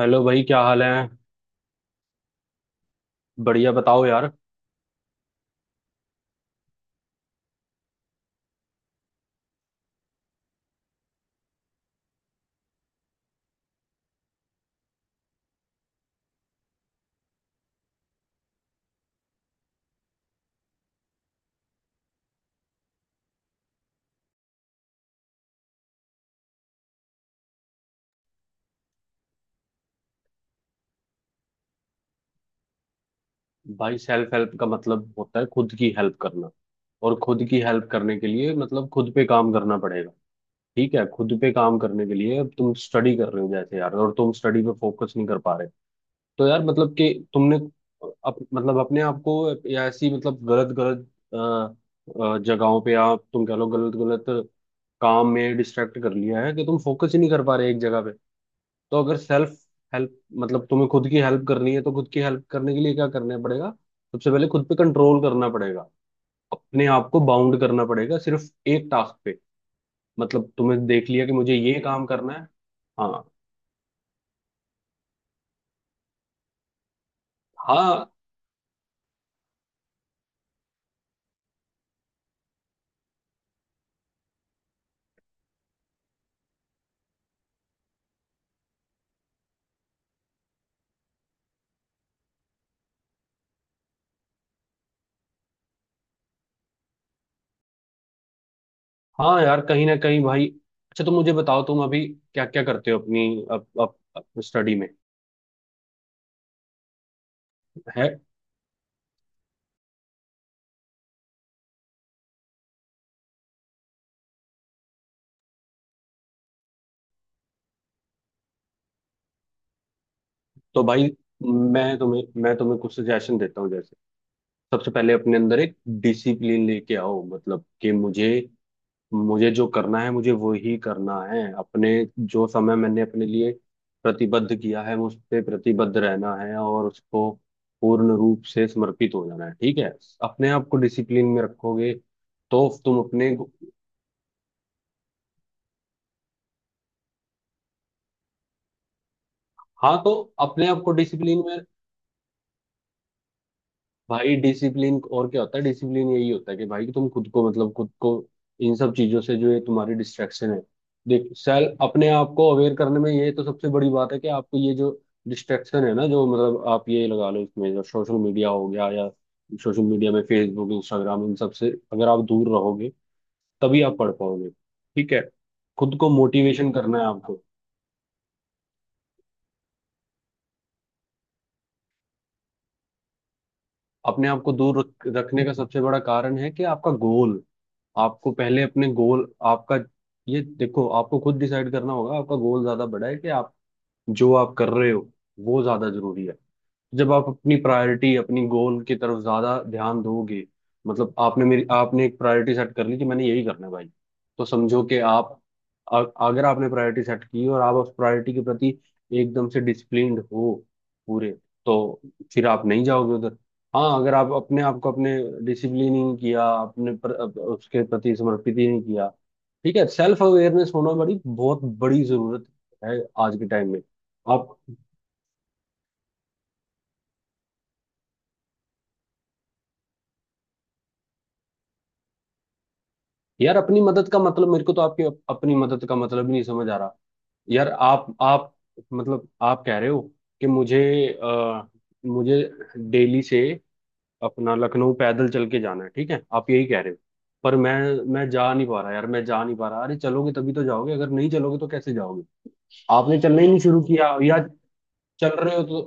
Hello भाई, क्या हाल है। बढ़िया, बताओ यार। भाई, सेल्फ हेल्प का मतलब होता है खुद की हेल्प करना। और खुद की हेल्प करने के लिए मतलब खुद पे काम करना पड़ेगा। ठीक है। खुद पे काम करने के लिए अब तुम स्टडी कर रहे हो जैसे यार, और तुम स्टडी पे फोकस नहीं कर पा रहे। तो यार मतलब कि तुमने मतलब अपने आप को, या ऐसी मतलब गलत गलत अ, जगहों पे, आप तुम कह लो, गलत गलत काम में डिस्ट्रैक्ट कर लिया है कि तुम फोकस ही नहीं कर पा रहे एक जगह पे। तो अगर सेल्फ हेल्प मतलब तुम्हें खुद की हेल्प करनी है, तो खुद की हेल्प करने के लिए क्या करना पड़ेगा? सबसे पहले खुद पे कंट्रोल करना पड़ेगा। अपने आप को बाउंड करना पड़ेगा सिर्फ एक टास्क पे। मतलब तुमने देख लिया कि मुझे ये काम करना है। हाँ। हाँ। हाँ, यार कहीं ना कहीं भाई। अच्छा, तुम मुझे बताओ, तुम अभी क्या क्या करते हो अपनी अप, अप, अप स्टडी में। है। तो भाई, मैं तुम्हें कुछ सजेशन देता हूँ जैसे। सबसे पहले अपने अंदर एक डिसिप्लिन लेके आओ, मतलब कि मुझे मुझे जो करना है, मुझे वो ही करना है। अपने, जो समय मैंने अपने लिए प्रतिबद्ध किया है उस पे प्रतिबद्ध रहना है, और उसको पूर्ण रूप से समर्पित हो जाना है। ठीक है। अपने आप को डिसिप्लिन में रखोगे तो तुम अपने। हाँ। तो अपने आप को डिसिप्लिन में, भाई डिसिप्लिन और क्या होता है? डिसिप्लिन यही होता है कि भाई तुम खुद को, मतलब खुद को इन सब चीजों से, जो ये तुम्हारी डिस्ट्रैक्शन है। देख, सेल्फ अपने आप को अवेयर करने में ये तो सबसे बड़ी बात है, कि आपको ये जो डिस्ट्रैक्शन है ना, जो मतलब आप ये लगा लो इसमें, जो सोशल मीडिया हो गया या सोशल मीडिया में फेसबुक, इंस्टाग्राम, इन सब से अगर आप दूर रहोगे, तभी आप पढ़ पाओगे। ठीक है। खुद को मोटिवेशन करना है आपको। अपने आप को दूर रखने का सबसे बड़ा कारण है कि आपका गोल, आपको पहले अपने गोल, आपका, ये देखो, आपको खुद डिसाइड करना होगा, आपका गोल ज्यादा बड़ा है कि आप जो आप कर रहे हो वो ज्यादा जरूरी है। जब आप अपनी प्रायोरिटी, अपनी गोल की तरफ ज्यादा ध्यान दोगे, मतलब आपने एक प्रायोरिटी सेट कर ली कि मैंने यही करना है भाई, तो समझो कि आप, अगर आपने प्रायोरिटी सेट की और आप उस प्रायोरिटी के प्रति एकदम से डिसिप्लिन्ड हो पूरे, तो फिर आप नहीं जाओगे उधर। हाँ, अगर आप अपने आप को अपने डिसिप्लिन नहीं किया, अपने उसके प्रति समर्पित ही नहीं किया। ठीक है। सेल्फ अवेयरनेस होना बड़ी बहुत बड़ी जरूरत है आज के टाइम में। आप। यार, अपनी मदद का मतलब मेरे को तो आपकी अपनी मदद का मतलब ही नहीं समझ आ रहा। यार आप मतलब, आप कह रहे हो कि अ, मुझे दिल्ली से अपना लखनऊ पैदल चल के जाना है, ठीक है, आप यही कह रहे हो। पर मैं जा नहीं पा रहा यार, मैं जा नहीं पा रहा। अरे, चलोगे तभी तो जाओगे, अगर नहीं चलोगे तो कैसे जाओगे? आपने चलना ही नहीं शुरू किया, या चल रहे हो तो।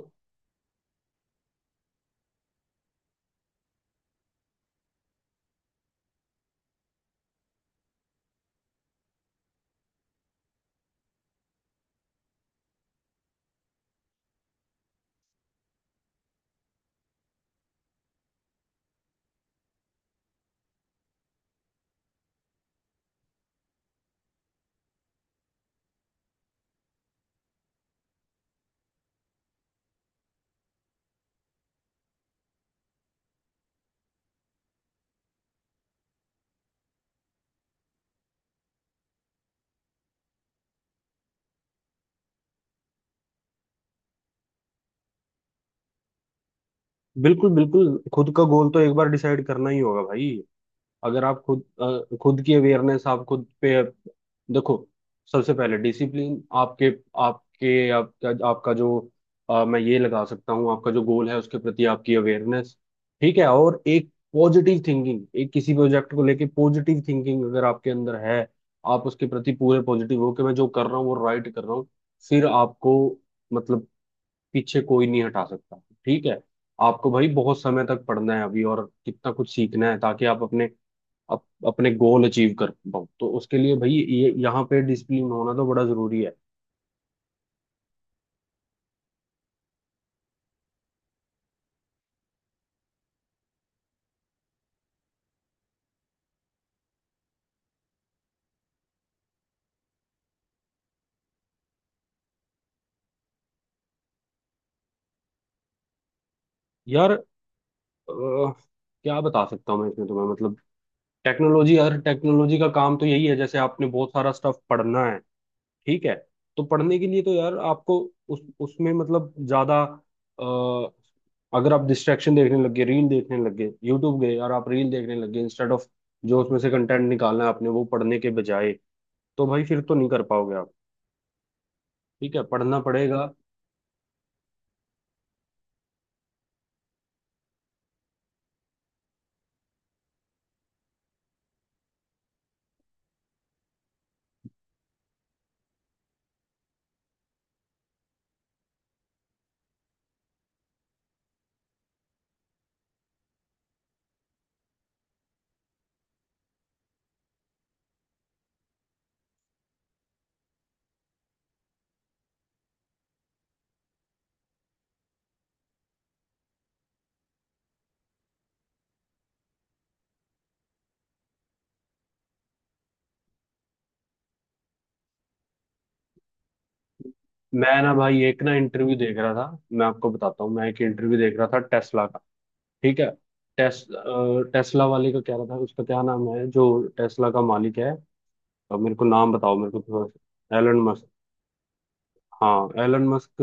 बिल्कुल, बिल्कुल। खुद का गोल तो एक बार डिसाइड करना ही होगा भाई। अगर आप खुद की अवेयरनेस, आप खुद पे देखो, सबसे पहले डिसिप्लिन आपके आपके आपका आपका जो मैं ये लगा सकता हूँ, आपका जो गोल है उसके प्रति आपकी अवेयरनेस। ठीक है। और एक पॉजिटिव थिंकिंग, एक किसी प्रोजेक्ट को लेके पॉजिटिव थिंकिंग अगर आपके अंदर है, आप उसके प्रति पूरे पॉजिटिव हो कि मैं जो कर रहा हूँ वो राइट कर रहा हूँ, फिर आपको, मतलब पीछे कोई नहीं हटा सकता। ठीक है। आपको भाई बहुत समय तक पढ़ना है अभी, और कितना कुछ सीखना है ताकि आप अपने गोल अचीव कर पाऊँ, तो उसके लिए भाई ये यहाँ पे डिसिप्लिन होना तो बड़ा जरूरी है। यार क्या बता सकता हूँ मैं इसमें तुम्हें, मतलब टेक्नोलॉजी। यार, टेक्नोलॉजी का काम तो यही है। जैसे आपने बहुत सारा स्टफ पढ़ना है, ठीक है, तो पढ़ने के लिए तो यार आपको उस उसमें मतलब ज्यादा, अ, अगर आप डिस्ट्रैक्शन देखने लग गए, रील देखने लग गए, यूट्यूब गए और आप रील देखने लग गए, इंस्टेड ऑफ जो उसमें से कंटेंट निकालना है आपने, वो पढ़ने के बजाय, तो भाई फिर तो नहीं कर पाओगे आप। ठीक है, पढ़ना पड़ेगा। मैं ना भाई, एक ना इंटरव्यू देख रहा था, मैं आपको बताता हूँ, मैं एक इंटरव्यू देख रहा था टेस्ला का। ठीक है। टेस्ला वाले का कह रहा था, उसका क्या नाम है जो टेस्ला का मालिक है? अब मेरे को नाम बताओ, मेरे को थोड़ा, एलन मस्क। हाँ, एलन मस्क।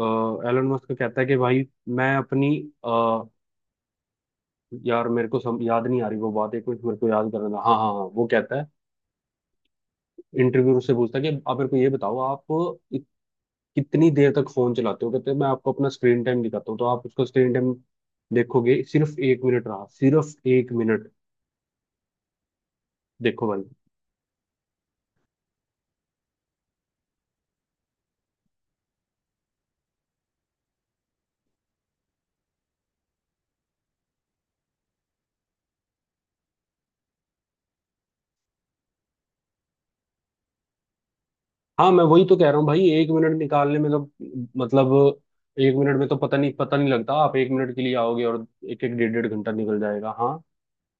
अ, एलन मस्क का कहता है कि भाई, मैं अपनी अ, यार मेरे को याद नहीं आ रही वो बात, एक मिनट मेरे को याद करना था। हाँ, हाँ, हाँ, वो कहता है, इंटरव्यू से पूछता है कि आप मेरे को ये बताओ, आप कितनी देर तक फोन चलाते हो? कहते हैं, मैं आपको अपना स्क्रीन टाइम दिखाता हूँ, तो आप उसका स्क्रीन टाइम देखोगे, सिर्फ एक मिनट रहा, सिर्फ एक मिनट। देखो भाई। हाँ, मैं वही तो कह रहा हूँ भाई, एक मिनट निकालने में तो मतलब, एक मिनट में तो पता नहीं, पता नहीं लगता। आप एक मिनट के लिए आओगे और एक एक डेढ़ डेढ़ घंटा निकल जाएगा। हाँ।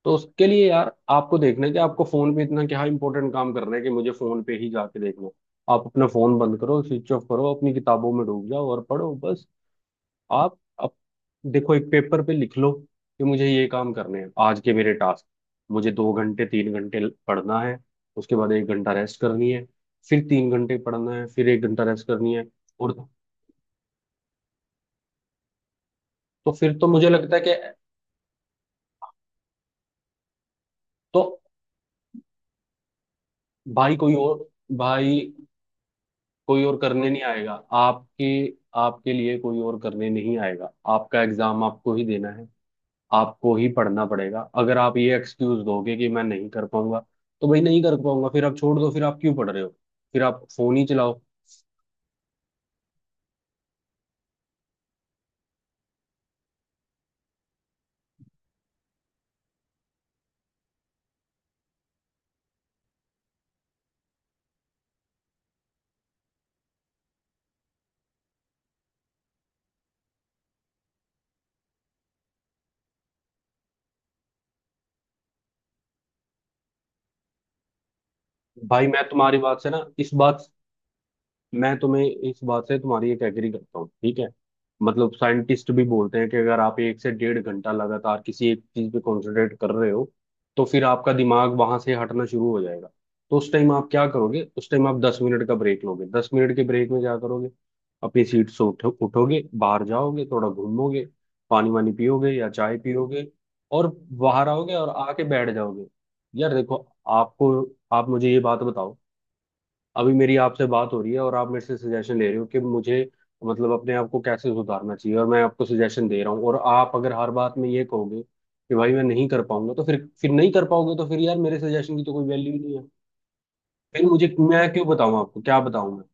तो उसके लिए यार आपको देखना है कि आपको फोन पे इतना क्या इंपॉर्टेंट काम करना है कि मुझे फोन पे ही जाके देखना है। आप अपना फोन बंद करो, स्विच ऑफ करो, अपनी किताबों में डूब जाओ और पढ़ो बस। आप, अब देखो, एक पेपर पे लिख लो कि मुझे ये काम करने हैं आज के मेरे टास्क। मुझे 2 घंटे, 3 घंटे पढ़ना है, उसके बाद एक घंटा रेस्ट करनी है, फिर 3 घंटे पढ़ना है, फिर एक घंटा रेस्ट करनी है, और तो फिर तो मुझे लगता है कि, तो भाई कोई और भाई कोई और करने नहीं आएगा आपके, आपके लिए कोई और करने नहीं आएगा, आपका एग्जाम आपको ही देना है, आपको ही पढ़ना पड़ेगा। अगर आप ये एक्सक्यूज दोगे कि मैं नहीं कर पाऊंगा, तो भाई नहीं कर पाऊंगा, फिर आप छोड़ दो, फिर आप क्यों पढ़ रहे हो? फिर आप फोन ही चलाओ। भाई, मैं तुम्हारी बात से ना, इस बात, मैं तुम्हें इस बात से तुम्हारी एक एग्री करता हूँ। ठीक है। मतलब साइंटिस्ट भी बोलते हैं कि अगर आप 1 से 1.5 घंटा लगातार किसी एक चीज पे कंसंट्रेट कर रहे हो, तो फिर आपका दिमाग वहां से हटना शुरू हो जाएगा। तो उस टाइम आप क्या करोगे? उस टाइम आप 10 मिनट का ब्रेक लोगे। 10 मिनट के ब्रेक में क्या करोगे? अपनी सीट से उठो, उठोगे बाहर जाओगे, थोड़ा घूमोगे, पानी वानी पियोगे या चाय पियोगे, और बाहर आओगे और आके बैठ जाओगे। यार देखो आपको, आप मुझे ये बात बताओ, अभी मेरी आपसे बात हो रही है और आप मेरे से सजेशन ले रहे हो कि मुझे, मतलब अपने आप को कैसे सुधारना चाहिए, और मैं आपको सजेशन दे रहा हूँ, और आप अगर हर बात में ये कहोगे कि भाई मैं नहीं कर पाऊंगा, तो फिर नहीं कर पाओगे, तो फिर यार मेरे सजेशन की तो कोई वैल्यू ही नहीं है। फिर मुझे, मैं क्यों बताऊं आपको? क्या बताऊं मैं?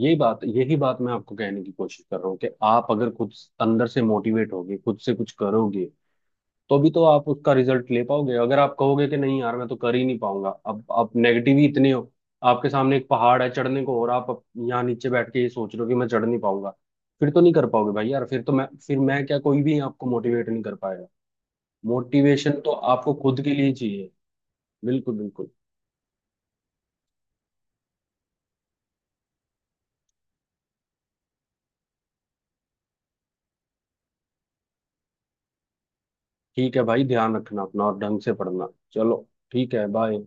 ये बात यही बात मैं आपको कहने की कोशिश कर रहा हूँ, कि आप अगर खुद अंदर से मोटिवेट होगे, खुद से कुछ करोगे, तो भी तो आप उसका रिजल्ट ले पाओगे। अगर आप कहोगे कि नहीं यार, मैं तो कर ही नहीं पाऊंगा, अब आप नेगेटिव ही इतने हो, आपके सामने एक पहाड़ है चढ़ने को और आप यहाँ नीचे बैठ के ये सोच रहे हो कि मैं चढ़ नहीं पाऊंगा, फिर तो नहीं कर पाओगे भाई। यार फिर मैं क्या, कोई भी आपको मोटिवेट नहीं कर पाएगा। मोटिवेशन तो आपको खुद के लिए चाहिए। बिल्कुल, बिल्कुल। ठीक है भाई, ध्यान रखना अपना और ढंग से पढ़ना। चलो, ठीक है, बाय।